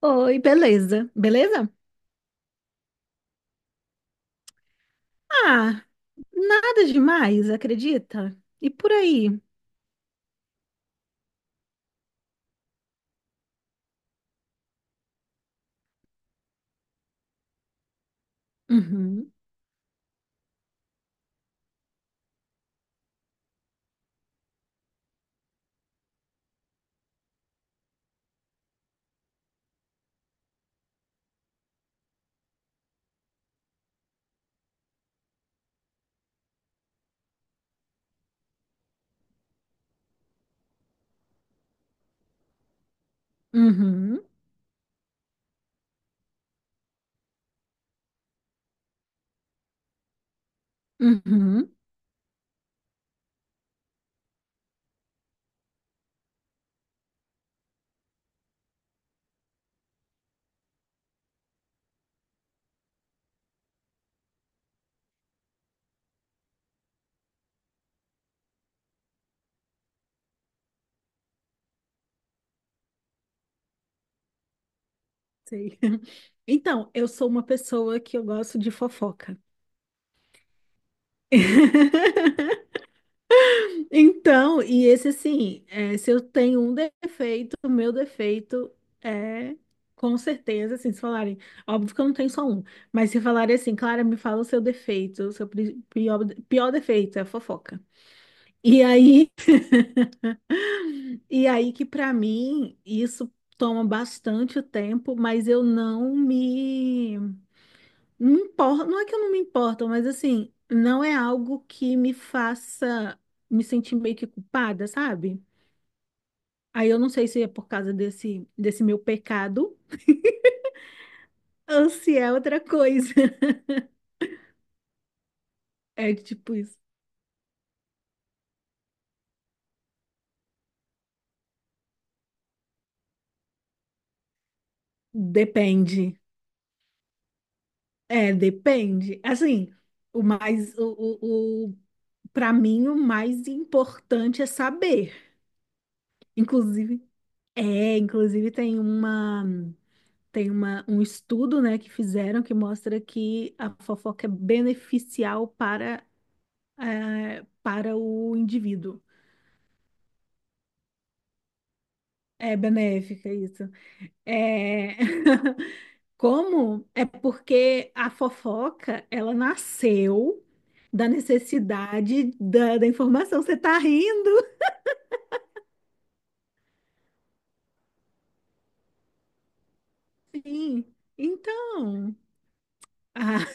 Oi, beleza? Beleza? Ah, nada demais, acredita? E por aí? Uhum, uhum, uhum, sei. Então, eu sou uma pessoa que eu gosto de fofoca. Então, e esse assim, é, se eu tenho um defeito, o meu defeito é, com certeza, assim, se falarem, óbvio que eu não tenho só um, mas se falarem assim, Clara, me fala o seu defeito, o seu pior defeito, é fofoca. E aí. E aí que para mim isso toma bastante tempo, mas eu não me não importo, não é que eu não me importo, mas assim, não é algo que me faça me sentir meio que culpada, sabe? Aí eu não sei se é por causa desse meu pecado ou se é outra coisa. É tipo isso. Depende. É, depende. Assim, o mais o para mim o mais importante é saber, inclusive. É, inclusive tem uma, um estudo, né, que fizeram que mostra que a fofoca é beneficial para, para o indivíduo. É benéfica, isso. É... Como? É porque a fofoca, ela nasceu da necessidade da informação. Você tá rindo? Sim. Então, ah,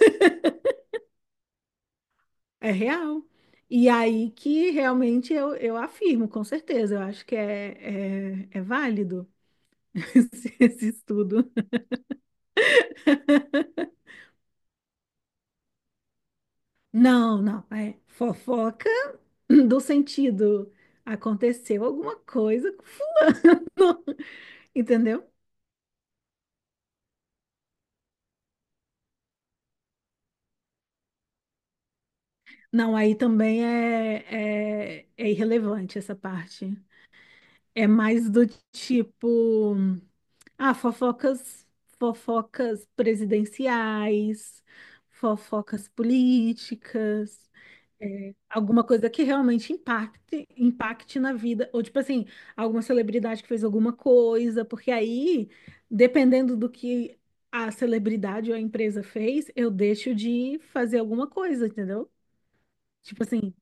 é real. E aí que realmente eu afirmo, com certeza. Eu acho que é válido esse estudo. Não, não. É fofoca do sentido. Aconteceu alguma coisa, entendeu? Não, aí também é irrelevante essa parte. É mais do tipo, ah, fofocas, fofocas presidenciais, fofocas políticas. É, alguma coisa que realmente impacte, impacte na vida, ou tipo assim, alguma celebridade que fez alguma coisa, porque aí, dependendo do que a celebridade ou a empresa fez, eu deixo de fazer alguma coisa, entendeu? Tipo assim,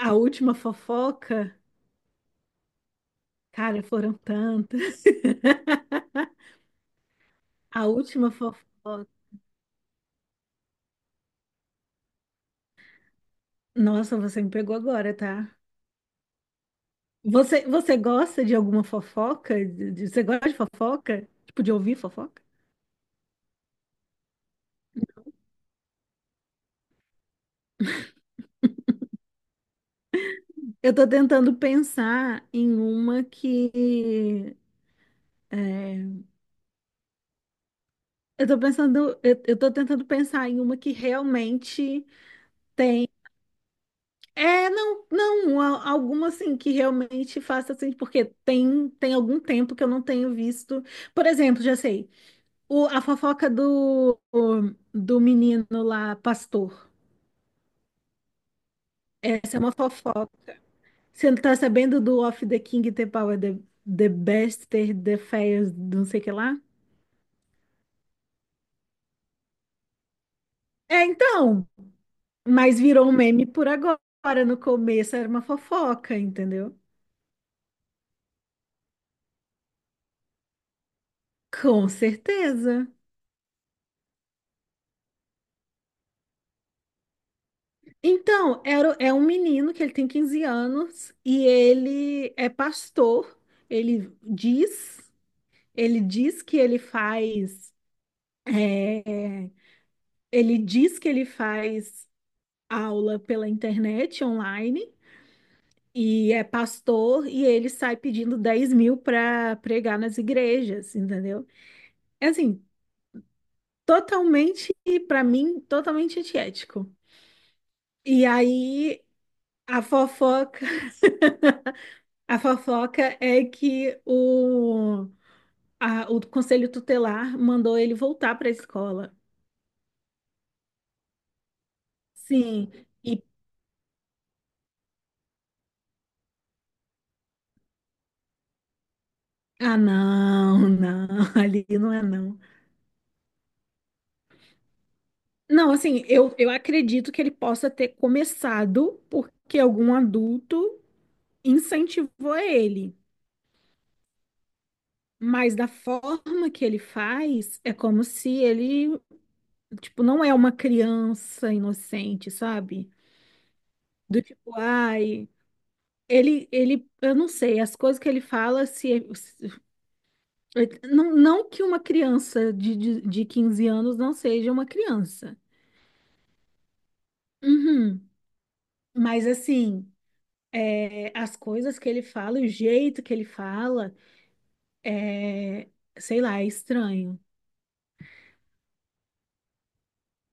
a última fofoca, cara, foram tantas. A última fofoca. Nossa, você me pegou agora, tá? Você gosta de alguma fofoca? Você gosta de fofoca? Tipo, de ouvir fofoca? Eu tô tentando pensar em uma que. É, eu tô pensando, eu tô tentando pensar em uma que realmente tem. É, não, não, alguma assim que realmente faça assim, porque tem algum tempo que eu não tenho visto. Por exemplo, já sei, a fofoca do menino lá, pastor. Essa é uma fofoca. Você não tá sabendo do Off the King, the Power, the Bester, the Fair, não sei o que lá? É, então. Mas virou um meme por agora. No começo era uma fofoca, entendeu? Com certeza. Então, é um menino que ele tem 15 anos e ele é pastor. Ele diz, ele diz que ele faz, é, Ele diz que ele faz aula pela internet online e é pastor e ele sai pedindo 10 mil para pregar nas igrejas, entendeu? É assim, totalmente, pra mim, totalmente antiético. E aí a fofoca, a fofoca é que o conselho tutelar mandou ele voltar pra escola. Sim. E ah, não, não, ali não é, não. Não, assim, eu acredito que ele possa ter começado porque algum adulto incentivou ele. Mas da forma que ele faz, é como se ele. Tipo, não é uma criança inocente, sabe? Do tipo, ai. Eu não sei, as coisas que ele fala, não, não que uma criança de 15 anos não seja uma criança. Uhum. Mas assim, é, as coisas que ele fala, e o jeito que ele fala, é, sei lá, é estranho.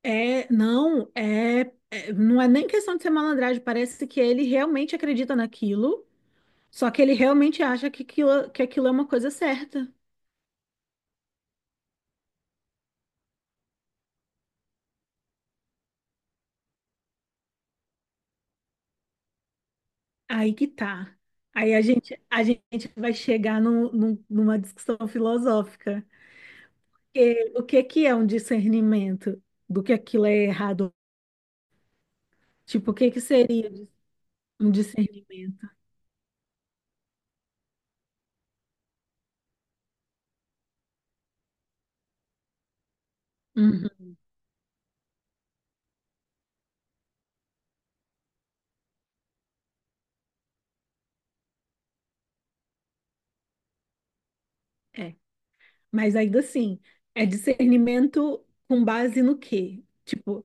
É, não, não é nem questão de ser malandragem, parece que ele realmente acredita naquilo. Só que ele realmente acha que aquilo é uma coisa certa. Aí que tá. Aí a gente vai chegar numa discussão filosófica. Que, o que que é um discernimento do que aquilo é errado? Tipo, o que que seria um discernimento? Uhum, é. Mas ainda assim, é discernimento com base no quê? Tipo,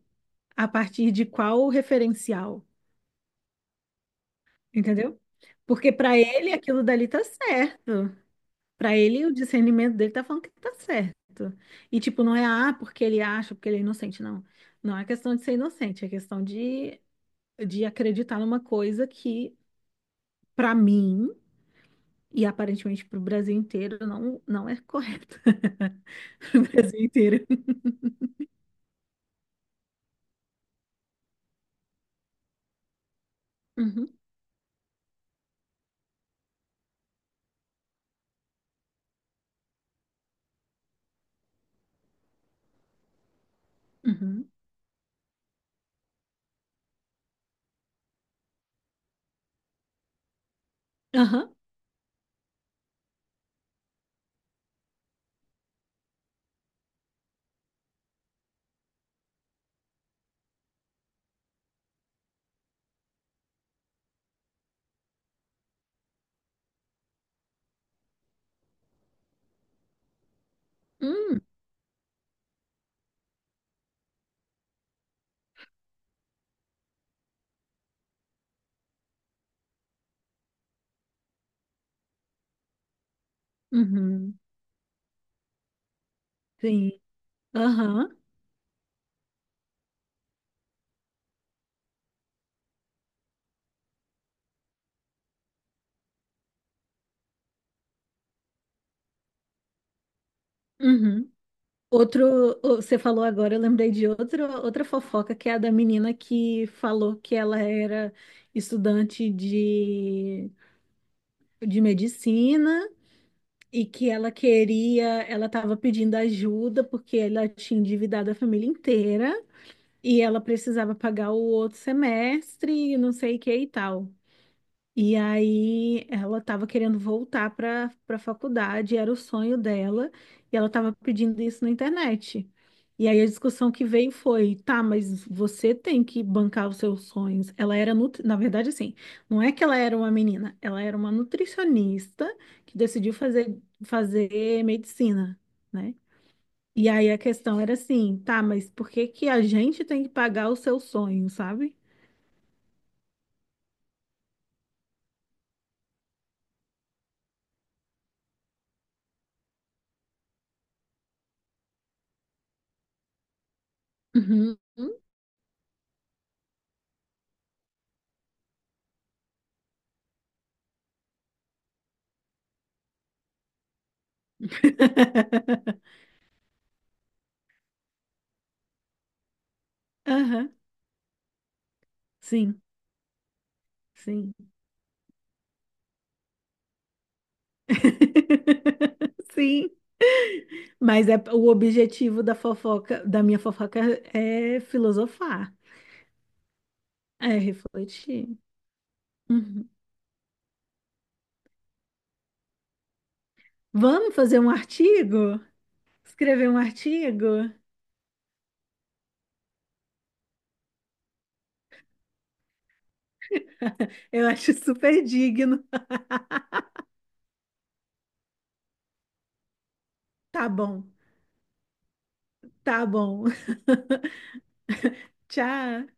a partir de qual referencial? Entendeu? Porque para ele aquilo dali tá certo. Pra ele, o discernimento dele tá falando que tá certo. E, tipo, não é, ah, porque ele acha, porque ele é inocente, não. Não é questão de ser inocente, é questão de acreditar numa coisa que, pra mim, e aparentemente pro Brasil inteiro, não, não é correta. Pro Brasil inteiro. Uhum, uhum. Aham. Hum, uhum. Sim. Aham. Uhum. Outro, você falou agora, eu lembrei de outro, outra fofoca, que é a da menina que falou que ela era estudante de medicina e que ela queria, ela estava pedindo ajuda porque ela tinha endividado a família inteira e ela precisava pagar o outro semestre e não sei o que e tal. E aí ela estava querendo voltar para a faculdade, era o sonho dela, e ela estava pedindo isso na internet. E aí a discussão que veio foi, tá, mas você tem que bancar os seus sonhos. Ela era, nutri... na verdade, assim, não é que ela era uma menina, ela era uma nutricionista que decidiu fazer, medicina, né? E aí a questão era assim, tá, mas por que que a gente tem que pagar o seu sonho, sabe? Uhum. Aham. Sim, sim. Sim. Mas é o objetivo da fofoca, da minha fofoca é filosofar, é refletir. Uhum. Vamos fazer um artigo? Escrever um artigo? Eu acho super digno. Tá bom, tá bom. Tchau.